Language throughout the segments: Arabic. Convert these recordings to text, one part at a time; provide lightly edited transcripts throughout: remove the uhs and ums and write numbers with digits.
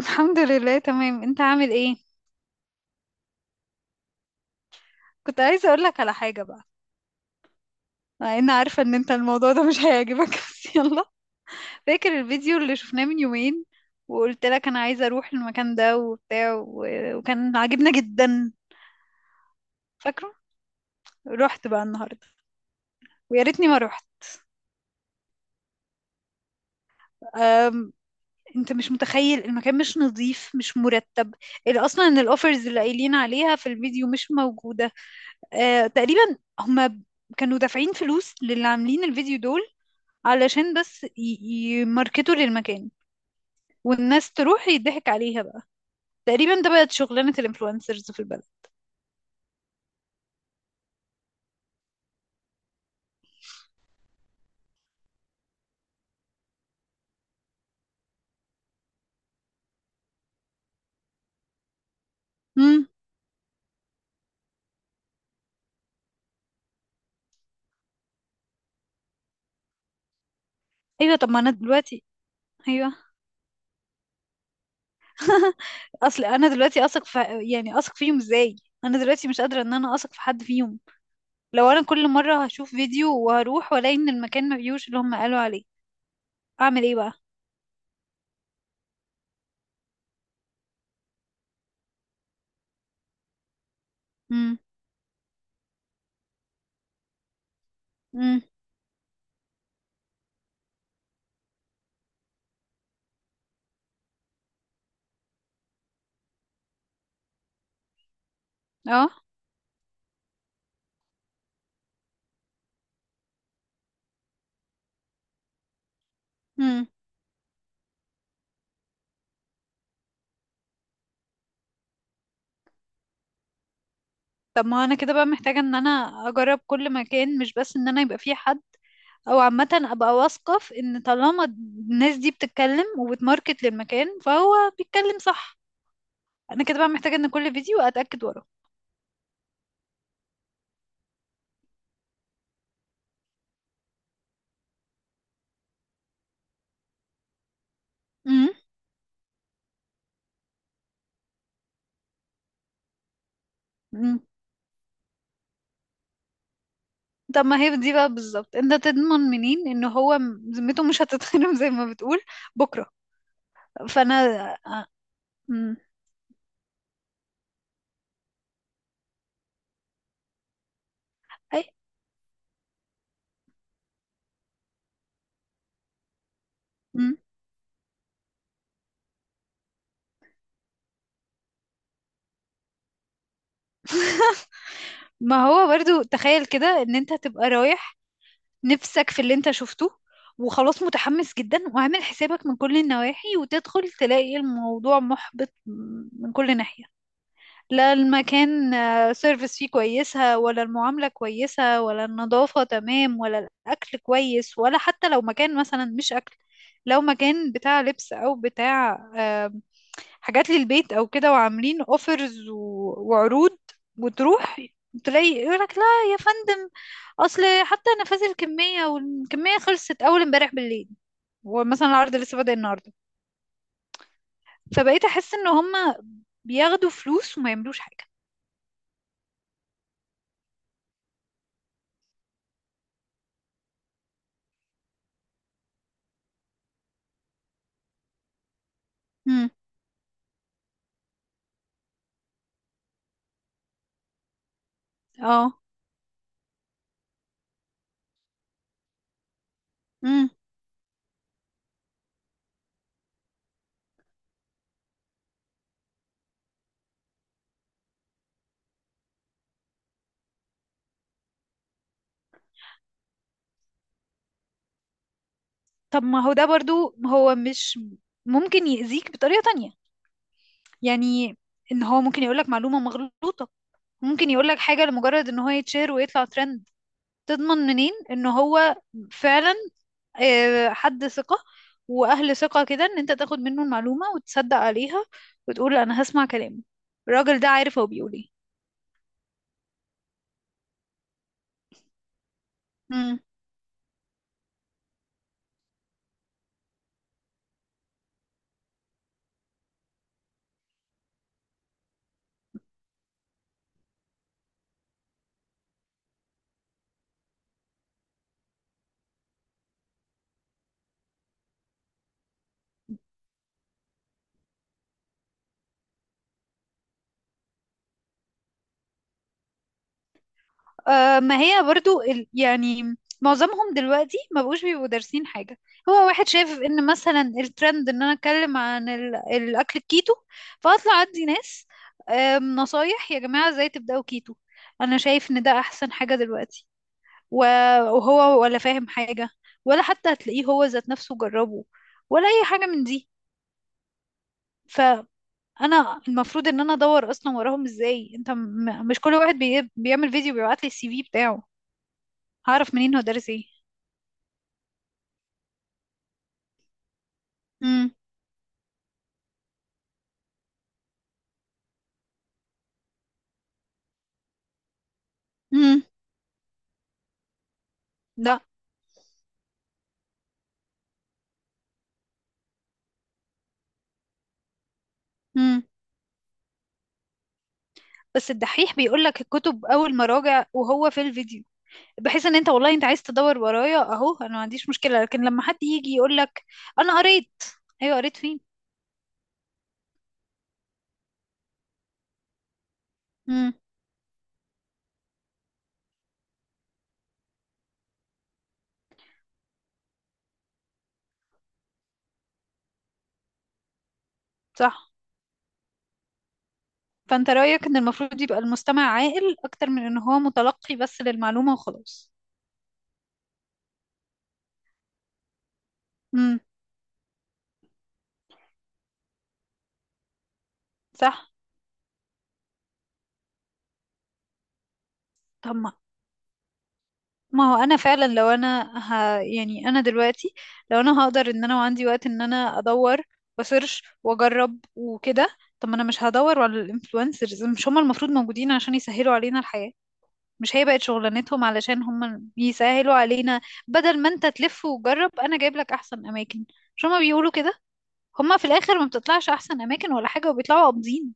الحمد لله تمام، انت عامل ايه؟ كنت عايزه اقول لك على حاجه بقى. مع ان عارفه ان انت الموضوع ده مش هيعجبك بس يلا. فاكر الفيديو اللي شفناه من يومين وقلت لك انا عايزه اروح المكان ده وبتاع وكان عاجبنا جدا، فاكره؟ رحت بقى النهارده ويا ريتني ما رحت. أم... انت مش متخيل، المكان مش نظيف، مش مرتب. اصلا ان الاوفرز اللي قايلين عليها في الفيديو مش موجوده. تقريبا هما كانوا دافعين فلوس للي عاملين الفيديو دول علشان بس يماركتوا للمكان والناس تروح يضحك عليها بقى. تقريبا ده بقت شغلانة الانفلونسرز في البلد. امم، ايوه. طب ما انا دلوقتي. ايوه. اصل انا دلوقتي اثق في، يعني اثق فيهم ازاي؟ انا دلوقتي مش قادرة ان انا اثق في حد فيهم. لو انا كل مرة هشوف فيديو وهروح والاقي ان المكان ما فيهوش اللي هم قالوا عليه، اعمل ايه بقى؟ امم. امم. اه. امم. طب ما انا كده بقى محتاجة ان انا اجرب كل مكان، مش بس ان انا يبقى فيه حد او عامه ابقى واثقه في ان طالما الناس دي بتتكلم وبتماركت للمكان فهو بيتكلم صح. انا كده بقى محتاجه ان كل فيديو اتاكد وراه. امم. أمم. طب ما هي دي بقى بالظبط، انت تضمن منين ان هو ذمته مش هتتخرم زي ما بتقول بكره؟ فانا، آه، أمم. اي. أمم. ما هو برضو تخيل كده ان انت تبقى رايح نفسك في اللي انت شفته، وخلاص متحمس جدا وعامل حسابك من كل النواحي وتدخل تلاقي الموضوع محبط من كل ناحية. لا المكان، سيرفيس فيه كويسة ولا المعاملة كويسة ولا النظافة تمام ولا الأكل كويس، ولا حتى لو مكان مثلا مش أكل، لو مكان بتاع لبس أو بتاع آه، حاجات للبيت أو كده وعاملين أوفرز وعروض وتروح تلاقي يقولك لا يا فندم، أصل حتى نفاذ الكمية والكمية خلصت أول امبارح بالليل ومثلا العرض لسه بادئ النهاردة. فبقيت أحس إن هما بياخدوا فلوس وما يعملوش حاجة. مم. اه. طب ما هو ده برضو، هو مش ممكن يأذيك بطريقة تانية؟ يعني ان هو ممكن يقولك معلومة مغلوطة، ممكن يقولك حاجة لمجرد ان هو يتشير ويطلع ترند. تضمن منين ان هو فعلا حد ثقة واهل ثقة كده ان انت تاخد منه المعلومة وتصدق عليها وتقول انا هسمع كلامه؟ الراجل ده عارف هو بيقول ايه. آه، ما هي برضو يعني معظمهم دلوقتي ما بقوش بيبقوا دارسين حاجة. هو واحد شايف ان مثلا الترند ان انا اتكلم عن الاكل الكيتو، فاطلع ادي ناس نصايح يا جماعة ازاي تبدأوا كيتو. انا شايف ان ده احسن حاجة دلوقتي و- وهو ولا فاهم حاجة، ولا حتى هتلاقيه هو ذات نفسه جربه ولا اي حاجة من دي. فانا المفروض ان انا ادور اصلا وراهم ازاي؟ انت مش كل واحد بيعمل فيديو بيبعت لي السي في بتاعه. هعرف منين هو دارس ايه؟ امم. امم. لا. امم. بس الدحيح بيقول لك الكتب اول ما راجع وهو في الفيديو، بحيث ان انت والله انت عايز تدور ورايا اهو، انا ما عنديش مشكلة. لكن لما حد يجي يقول لك انا قريت، ايوه قريت فين؟ امم. صح. فانت رأيك ان المفروض يبقى المستمع عاقل اكتر من ان هو متلقي بس للمعلومة وخلاص. امم. صح. طب ما هو انا فعلا لو انا يعني انا دلوقتي لو انا هقدر ان انا وعندي وقت ان انا ادور وسيرش واجرب وكده، طب ما انا مش هدور على الانفلونسرز. مش هم المفروض موجودين عشان يسهلوا علينا الحياة؟ مش هي بقت شغلانتهم علشان هم يسهلوا علينا؟ بدل ما انت تلف وتجرب انا جايب لك احسن اماكن، مش هم بيقولوا كده؟ هم في الاخر ما بتطلعش احسن اماكن ولا حاجة وبيطلعوا قابضين.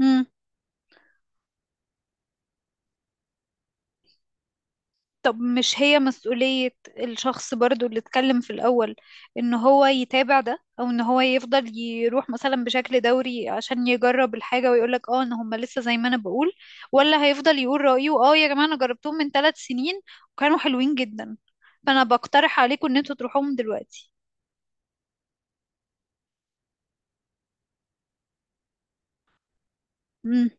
امم. طب مش هي مسؤولية الشخص برضو اللي اتكلم في الأول إن هو يتابع ده؟ أو إن هو يفضل يروح مثلا بشكل دوري عشان يجرب الحاجة ويقولك اه إن هما لسه زي ما أنا بقول، ولا هيفضل يقول رأيه اه يا جماعة أنا جربتهم من 3 سنين وكانوا حلوين جدا فأنا بقترح عليكم إن انتوا تروحوهم دلوقتي. مم.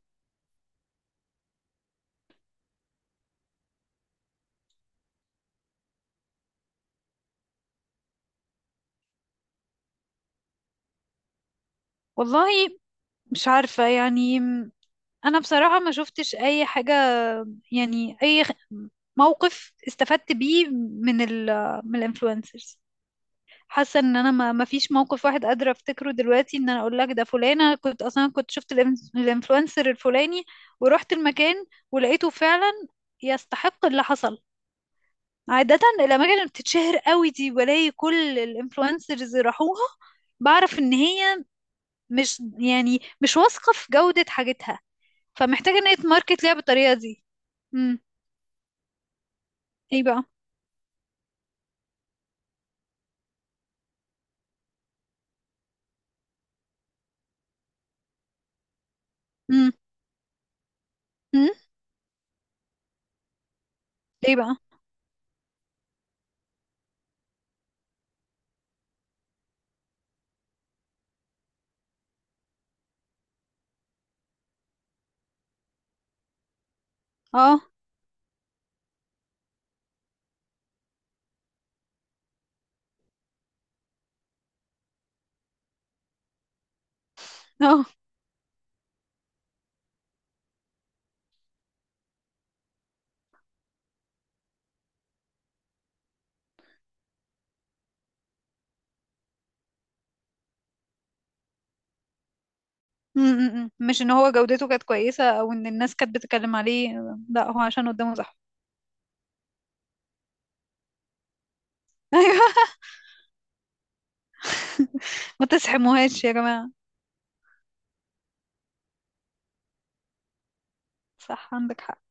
والله مش عارفة يعني. أنا بصراحة ما شفتش أي حاجة، يعني أي موقف استفدت بيه من ال من الانفلونسرز. حاسه ان انا ما فيش موقف واحد قادره افتكره دلوقتي ان انا اقول لك ده فلانه، كنت اصلا كنت شفت الانفلونسر الفلاني ورحت المكان ولقيته فعلا يستحق اللي حصل. عاده الاماكن اللي بتتشهر قوي دي بلاقي كل الانفلونسرز راحوها، بعرف ان هي مش يعني مش واثقه في جوده حاجتها، فمحتاجه ان هي تماركت ليها بالطريقه دي. امم. ايه بقى؟ امم. امم. ايه بقى؟ اه. آه. م- م- م. مش ان هو جودته كانت كويسة او ان الناس كانت بتتكلم عليه، لا هو عشان قدامه. صح. ايوه. ما تسحموهاش يا جماعة. صح عندك حق.